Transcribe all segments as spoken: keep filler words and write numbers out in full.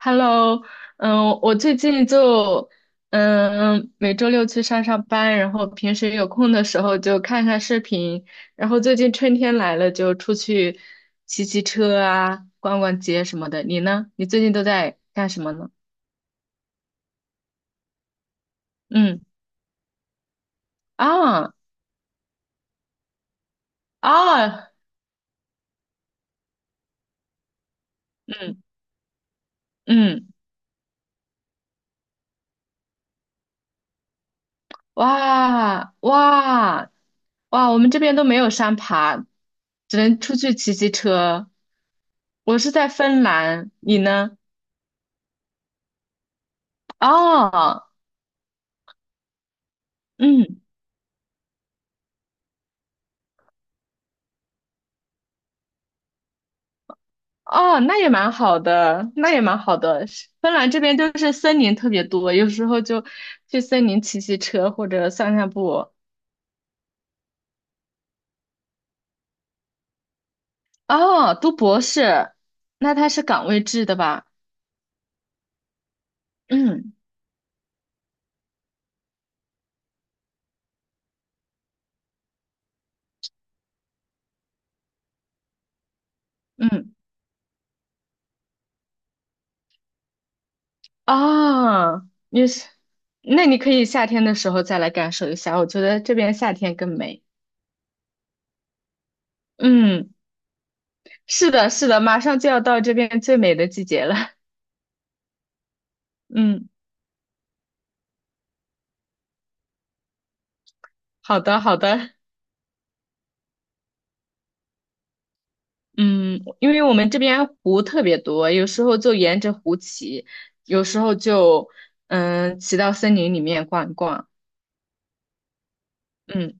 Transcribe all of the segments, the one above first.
Hello，嗯，我最近就嗯每周六去上上班，然后平时有空的时候就看看视频，然后最近春天来了就出去骑骑车啊，逛逛街什么的。你呢？你最近都在干什么呢？嗯。啊。啊。嗯。嗯。哇。哇。哇，我们这边都没有山爬，只能出去骑骑车。我是在芬兰，你呢？哦。嗯。哦，那也蛮好的，那也蛮好的。是芬兰这边就是森林特别多，有时候就去森林骑骑车或者散散步。哦，读博士，那他是岗位制的吧？嗯。嗯。哦，你是，那你可以夏天的时候再来感受一下，我觉得这边夏天更美。嗯，是的，是的，马上就要到这边最美的季节了。嗯。好的，好的。嗯，因为我们这边湖特别多，有时候就沿着湖骑，有时候就嗯骑到森林里面逛一逛。嗯，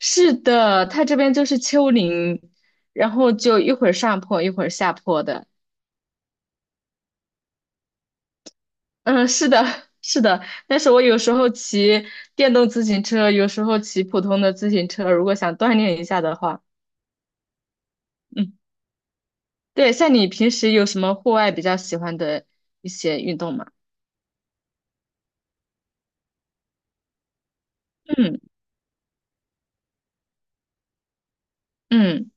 是的，它这边就是丘陵，然后就一会儿上坡一会儿下坡的。嗯，是的，是的。但是我有时候骑电动自行车，有时候骑普通的自行车，如果想锻炼一下的话，嗯，对。像你平时有什么户外比较喜欢的一些运动吗？嗯。嗯。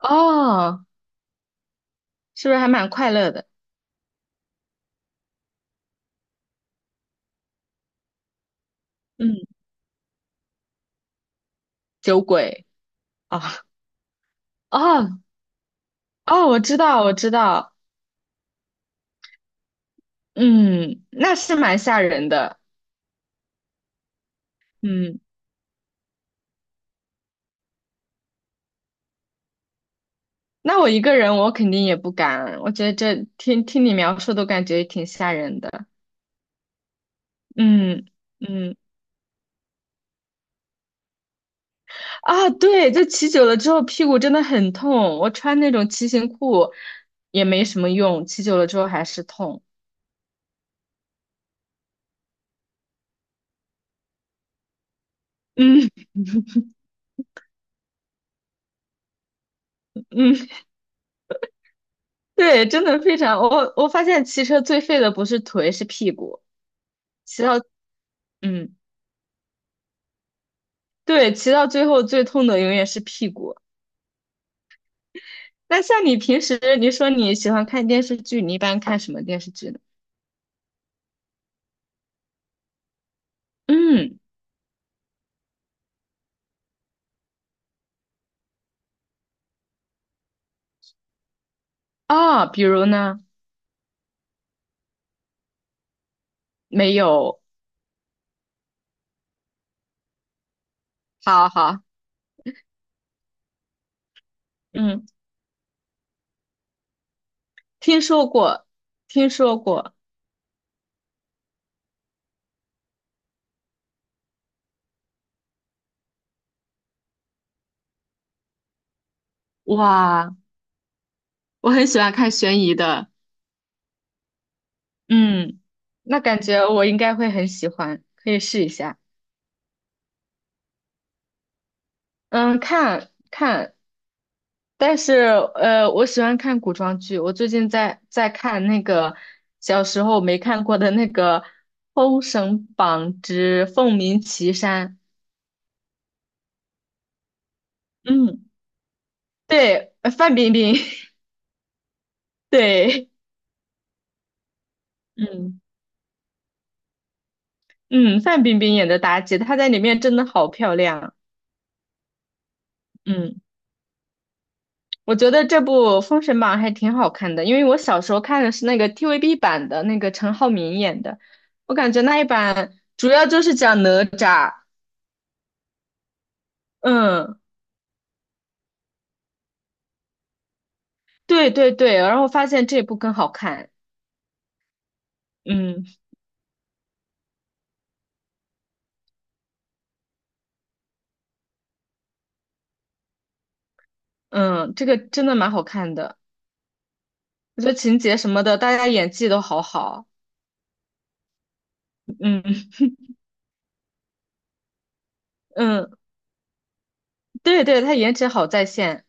哦。是不是还蛮快乐的？嗯，酒鬼啊。哦。哦，我知道，我知道。嗯，那是蛮吓人的。嗯，那我一个人我肯定也不敢，我觉得这听听你描述都感觉挺吓人的。嗯。嗯。啊，对，就骑久了之后屁股真的很痛，我穿那种骑行裤也没什么用，骑久了之后还是痛。嗯。嗯，对，真的非常，我我发现骑车最废的不是腿是屁股，骑到。嗯。对，骑到最后最痛的永远是屁股。那像你平时你说你喜欢看电视剧，你一般看什么电视剧呢？嗯。啊、比如呢？没有。好好。嗯。听说过，听说过。哇，我很喜欢看悬疑的。嗯，那感觉我应该会很喜欢，可以试一下。嗯，看看。但是呃，我喜欢看古装剧，我最近在在看那个小时候没看过的那个《封神榜之凤鸣岐山》。嗯，对，呃范冰冰。对。嗯。嗯，范冰冰演的妲己，她在里面真的好漂亮。嗯，我觉得这部《封神榜》还挺好看的，因为我小时候看的是那个 T V B 版的，那个陈浩民演的，我感觉那一版主要就是讲哪吒。嗯。对对对，然后发现这部更好看。嗯。嗯，这个真的蛮好看的，我觉得情节什么的，大家演技都好好。嗯。嗯。对对，他颜值好在线。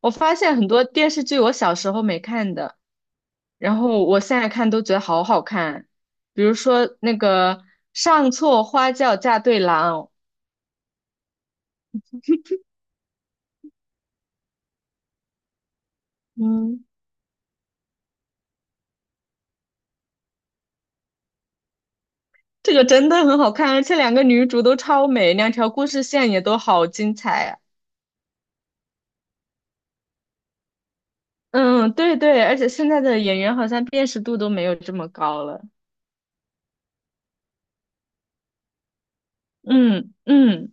我发现很多电视剧我小时候没看的，然后我现在看都觉得好好看，比如说那个《上错花轿嫁对郎》。嗯，这个真的很好看，而且两个女主都超美，两条故事线也都好精彩啊。嗯，对对，而且现在的演员好像辨识度都没有这么高了。嗯。嗯。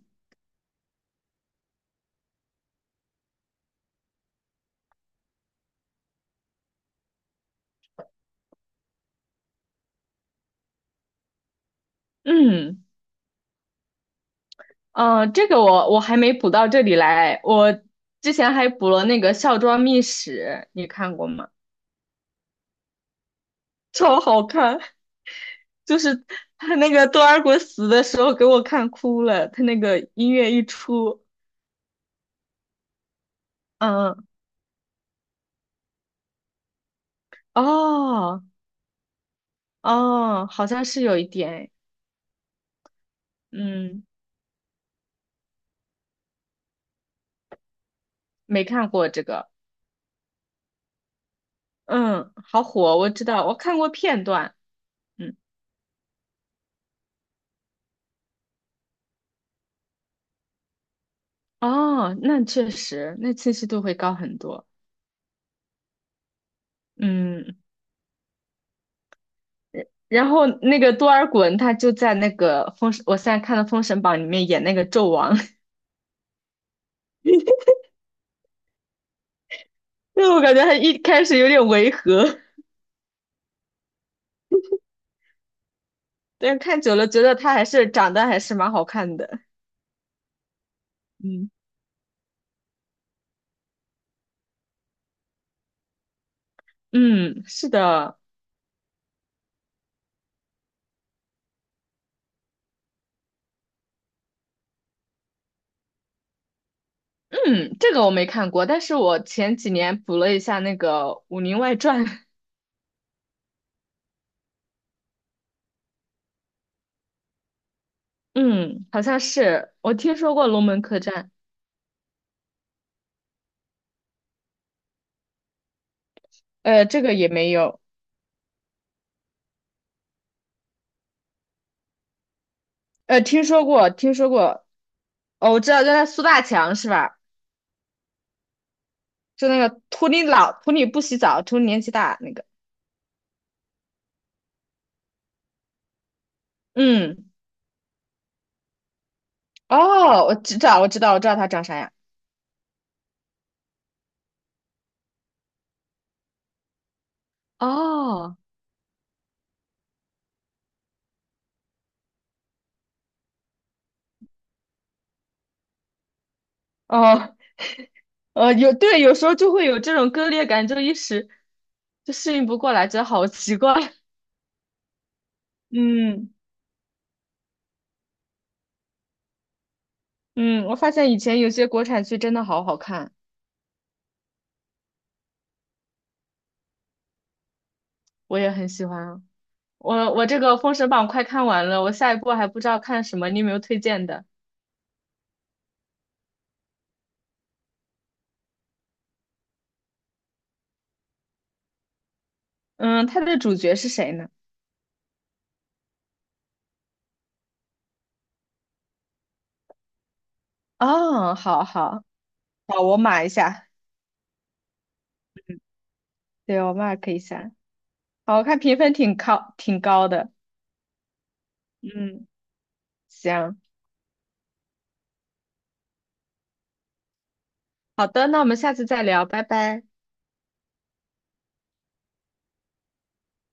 嗯。哦，这个我我还没补到这里来，我之前还补了那个《孝庄秘史》，你看过吗？超好看，就是他那个多尔衮死的时候给我看哭了，他那个音乐一出。嗯。哦。哦，好像是有一点诶。嗯，没看过这个。嗯，好火，我知道，我看过片段。嗯。哦，那确实，那清晰度会高很多。嗯，然后那个多尔衮他就在那个封，我现在看的《封神榜》里面演那个纣王。因为我感觉他一开始有点违和，但看久了觉得他还是长得还是蛮好看的。嗯。嗯，是的。嗯，这个我没看过，但是我前几年补了一下那个《武林外传》。嗯，好像是我听说过龙门客栈。呃，这个也没有。呃，听说过，听说过。哦，我知道，就那苏大强是吧？就那个图你老，图你不洗澡，图你年纪大那个。嗯。哦，我知道，我知道，我知道他长啥样。哦。哦。呃，有，对，有时候就会有这种割裂感，就一时就适应不过来，觉得好奇怪。嗯。嗯，我发现以前有些国产剧真的好好看。我也很喜欢啊。我我这个《封神榜》快看完了，我下一步还不知道看什么，你有没有推荐的？嗯，它的主角是谁呢？哦，好好好，我码一下。对，我 mark 一下。好，我看评分挺高，挺高的。嗯。行。好的，那我们下次再聊，拜拜。